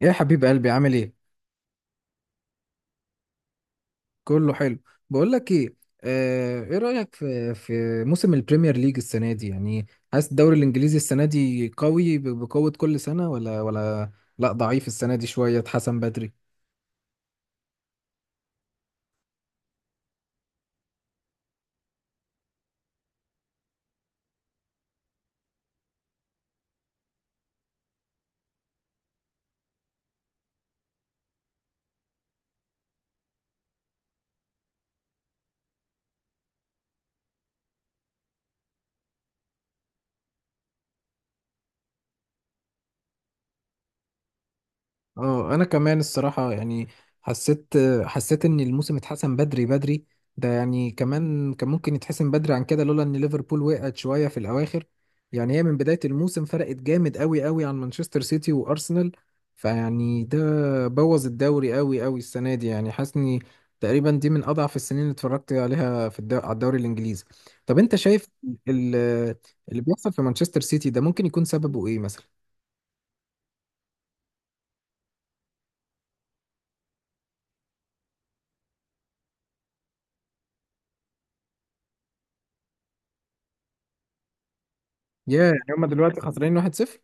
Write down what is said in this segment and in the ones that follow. يا حبيب قلبي عامل ايه. كله حلو. بقول لك ايه، ايه رأيك في موسم البريمير ليج السنة دي؟ يعني حاسس الدوري الانجليزي السنة دي قوي بقوة كل سنة ولا؟ لا، ضعيف السنة دي شوية، اتحسن بدري. اه، انا كمان الصراحه يعني حسيت حسيت ان الموسم اتحسن بدري. ده يعني كمان كان ممكن يتحسن بدري عن كده لولا ان ليفربول وقعت شويه في الاواخر. يعني هي من بدايه الموسم فرقت جامد قوي عن مانشستر سيتي وارسنال، فيعني ده بوظ الدوري قوي السنه دي يعني. حاسني تقريبا دي من اضعف السنين اللي اتفرجت عليها في على الدوري الانجليزي. طب انت شايف ال- اللي بيحصل في مانشستر سيتي ده ممكن يكون سببه ايه مثلا؟ يا يعني هما دلوقتي خسرانين 1-0؟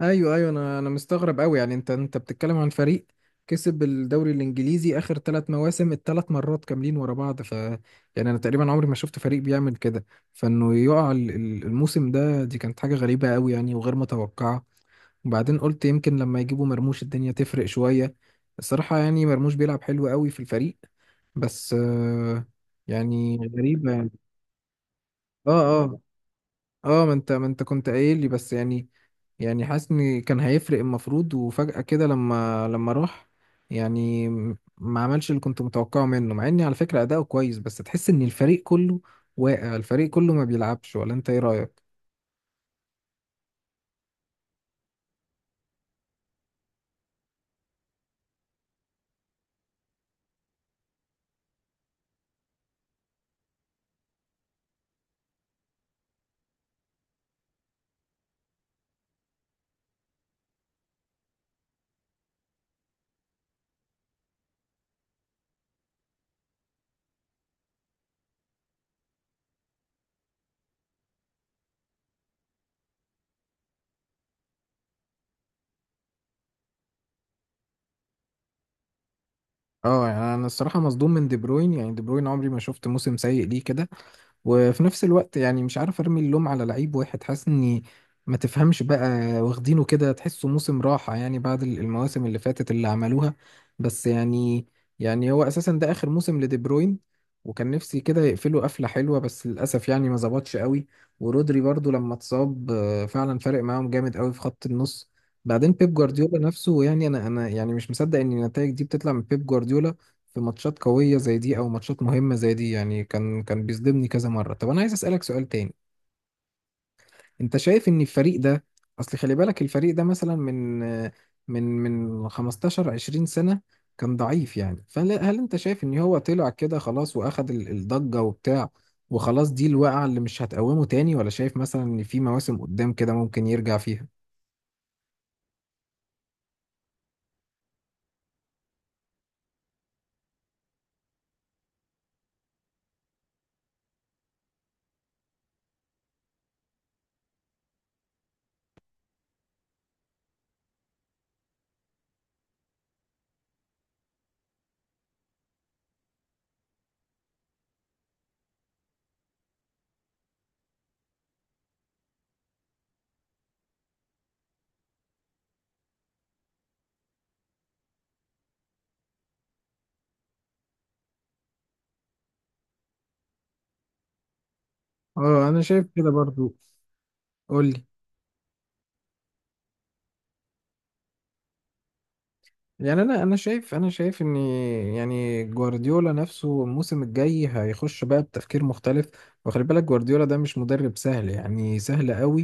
ايوه، انا مستغرب قوي يعني. انت بتتكلم عن فريق كسب الدوري الانجليزي اخر ثلاث مواسم، الثلاث مرات كاملين ورا بعض، ف يعني انا تقريبا عمري ما شفت فريق بيعمل كده، فانه يقع الموسم ده، دي كانت حاجه غريبه قوي يعني وغير متوقعه. وبعدين قلت يمكن لما يجيبوا مرموش الدنيا تفرق شويه، الصراحه يعني مرموش بيلعب حلو قوي في الفريق، بس يعني غريبه يعني. اه اه، اه ما انت كنت قايل لي بس يعني. يعني حاسس ان كان هيفرق المفروض، وفجأة كده لما راح يعني ما عملش اللي كنت متوقعه منه، مع اني على فكرة اداؤه كويس، بس تحس ان الفريق كله واقع، الفريق كله ما بيلعبش. ولا انت ايه رأيك؟ اه يعني انا الصراحة مصدوم من دي بروين، يعني دي بروين عمري ما شفت موسم سيء ليه كده. وفي نفس الوقت يعني مش عارف ارمي اللوم على لعيب واحد، حاسس اني ما تفهمش بقى، واخدينه كده، تحسه موسم راحة يعني بعد المواسم اللي فاتت اللي عملوها. بس يعني، يعني هو اساسا ده اخر موسم لدي بروين، وكان نفسي كده يقفله قفلة حلوة، بس للاسف يعني ما ظبطش قوي. ورودري برضو لما اتصاب فعلا فارق معاهم جامد قوي في خط النص. بعدين بيب جوارديولا نفسه، يعني انا يعني مش مصدق ان النتائج دي بتطلع من بيب جوارديولا في ماتشات قوية زي دي أو ماتشات مهمة زي دي، يعني كان بيصدمني كذا مرة. طب أنا عايز أسألك سؤال تاني. أنت شايف إن الفريق ده، أصل خلي بالك الفريق ده مثلا من 15 20 سنة كان ضعيف، يعني فهل أنت شايف إن هو طلع كده خلاص وأخد الضجة وبتاع، وخلاص دي الوقعة اللي مش هتقومه تاني، ولا شايف مثلا إن في مواسم قدام كده ممكن يرجع فيها؟ اه انا شايف كده برضو. قول لي. يعني انا شايف، انا شايف ان يعني جوارديولا نفسه الموسم الجاي هيخش بقى بتفكير مختلف. وخلي بالك جوارديولا ده مش مدرب سهل يعني سهل قوي.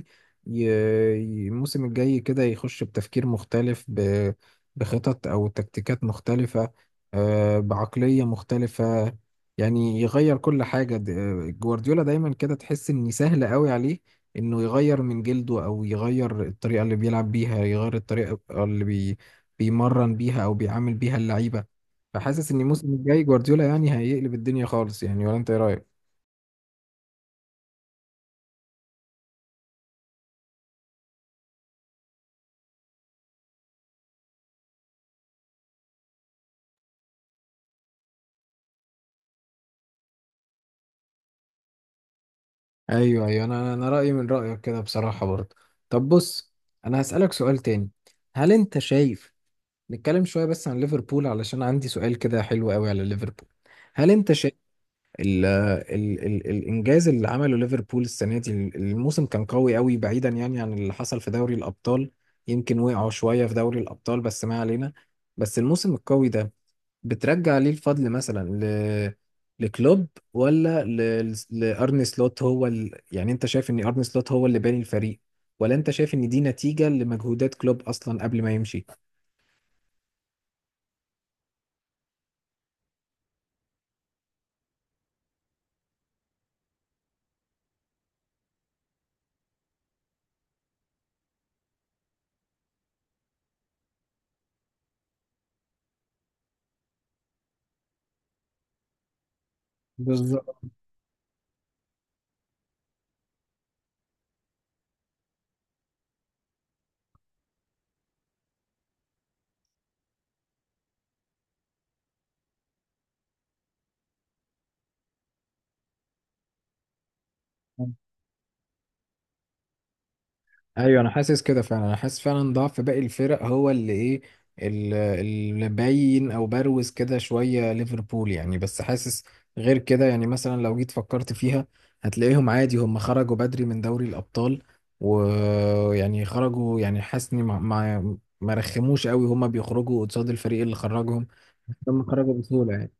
الموسم الجاي كده يخش بتفكير مختلف، بخطط او تكتيكات مختلفة، بعقلية مختلفة، يعني يغير كل حاجة. جوارديولا دايما كده تحس ان سهل قوي عليه انه يغير من جلده، او يغير الطريقة اللي بيلعب بيها، يغير الطريقة اللي بيمرن بيها او بيعامل بيها اللعيبه. فحاسس ان الموسم الجاي جوارديولا يعني هيقلب الدنيا خالص يعني، ولا انت ايه رايك؟ ايوه، انا رايي من رايك كده بصراحه برضه. طب بص، انا هسالك سؤال تاني. هل انت شايف، نتكلم شويه بس عن ليفربول علشان عندي سؤال كده حلو قوي على ليفربول. هل انت شايف ال الانجاز اللي عمله ليفربول السنه دي، الموسم كان قوي بعيدا يعني عن اللي حصل في دوري الابطال، يمكن وقعوا شويه في دوري الابطال بس ما علينا، بس الموسم القوي ده بترجع ليه الفضل مثلا لكلوب، ولا لارني سلوت؟ هو يعني انت شايف ان ارني سلوت هو اللي باني الفريق، ولا انت شايف ان دي نتيجة لمجهودات كلوب اصلا قبل ما يمشي؟ بالظبط. ايوه، انا حاسس كده فعلا، انا حاسس فعلا ضعف باقي الفرق هو اللي ايه، اللي باين، او بروز كده شويه ليفربول يعني. بس حاسس غير كده يعني، مثلا لو جيت فكرت فيها هتلاقيهم عادي هم خرجوا بدري من دوري الابطال، ويعني خرجوا، يعني حاسس إني ما رخموش قوي، هم بيخرجوا قصاد الفريق اللي خرجهم، هم خرجوا بسهوله يعني.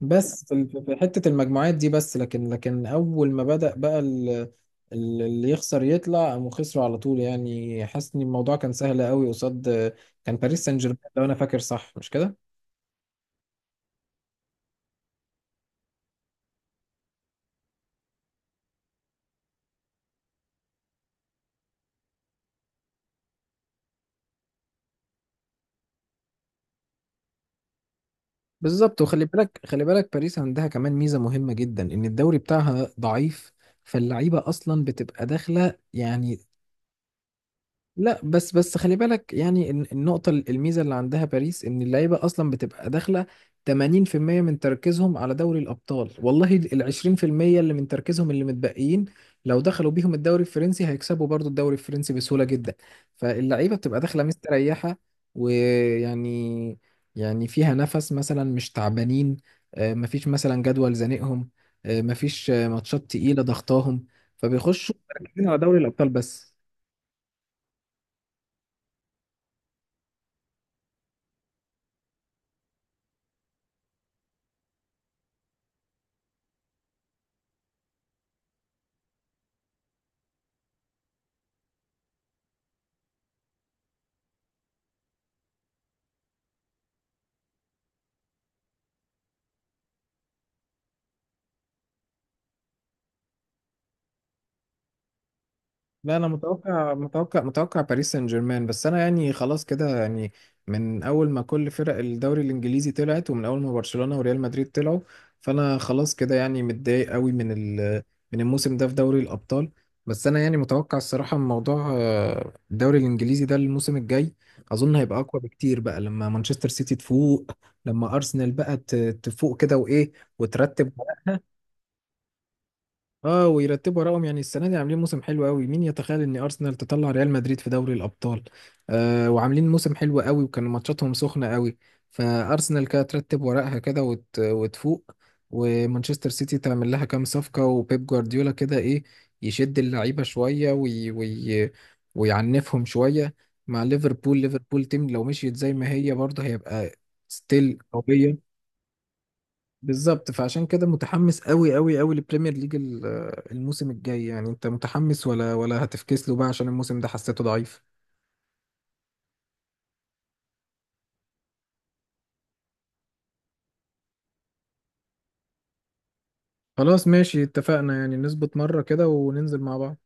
بس في في حتة المجموعات دي بس، لكن أول ما بدأ بقى اللي يخسر يطلع، قاموا خسروا على طول يعني. حاسس إن الموضوع كان سهل قوي، قصاد كان باريس سان جيرمان لو أنا فاكر صح، مش كده؟ بالظبط. وخلي بالك باريس عندها كمان ميزة مهمة جدا، إن الدوري بتاعها ضعيف، فاللعيبة أصلا بتبقى داخلة يعني. لا، بس خلي بالك يعني، النقطة، الميزة اللي عندها باريس إن اللعيبة أصلا بتبقى داخلة 80% من تركيزهم على دوري الأبطال، والله ال 20% اللي من تركيزهم اللي متبقيين لو دخلوا بيهم الدوري الفرنسي هيكسبوا برضو الدوري الفرنسي بسهولة جدا. فاللعيبة بتبقى داخلة مستريحة، ويعني يعني فيها نفس مثلا، مش تعبانين، مفيش مثلا جدول زنقهم، مفيش ماتشات تقيلة ضغطاهم، فبيخشوا مركزين على دوري الأبطال بس. لا، انا متوقع متوقع باريس سان جيرمان، بس انا يعني خلاص كده يعني من اول ما كل فرق الدوري الانجليزي طلعت، ومن اول ما برشلونة وريال مدريد طلعوا، فانا خلاص كده يعني متضايق قوي من ال، من الموسم ده في دوري الابطال. بس انا يعني متوقع الصراحة من موضوع الدوري الانجليزي ده الموسم الجاي اظن هيبقى اقوى بكتير، بقى لما مانشستر سيتي تفوق، لما ارسنال بقى تفوق كده، وايه، وترتب. اه، ويرتبوا وراهم يعني. السنه دي عاملين موسم حلو قوي، مين يتخيل ان ارسنال تطلع ريال مدريد في دوري الابطال؟ آه، وعاملين موسم حلو قوي، وكان ماتشاتهم سخنه قوي. فارسنال كده ترتب ورقها كده وتفوق، ومانشستر سيتي تعمل لها كام صفقه، وبيب جوارديولا كده ايه يشد اللعيبه شويه ويعنفهم شويه. مع ليفربول، ليفربول تيم لو مشيت زي ما هي برضه هيبقى ستيل قويه. بالظبط، فعشان كده متحمس قوي للبريمير ليج الموسم الجاي يعني. انت متحمس ولا هتفكس له بقى عشان الموسم ده حسيته ضعيف؟ خلاص، ماشي، اتفقنا يعني نظبط مرة كده وننزل مع بعض.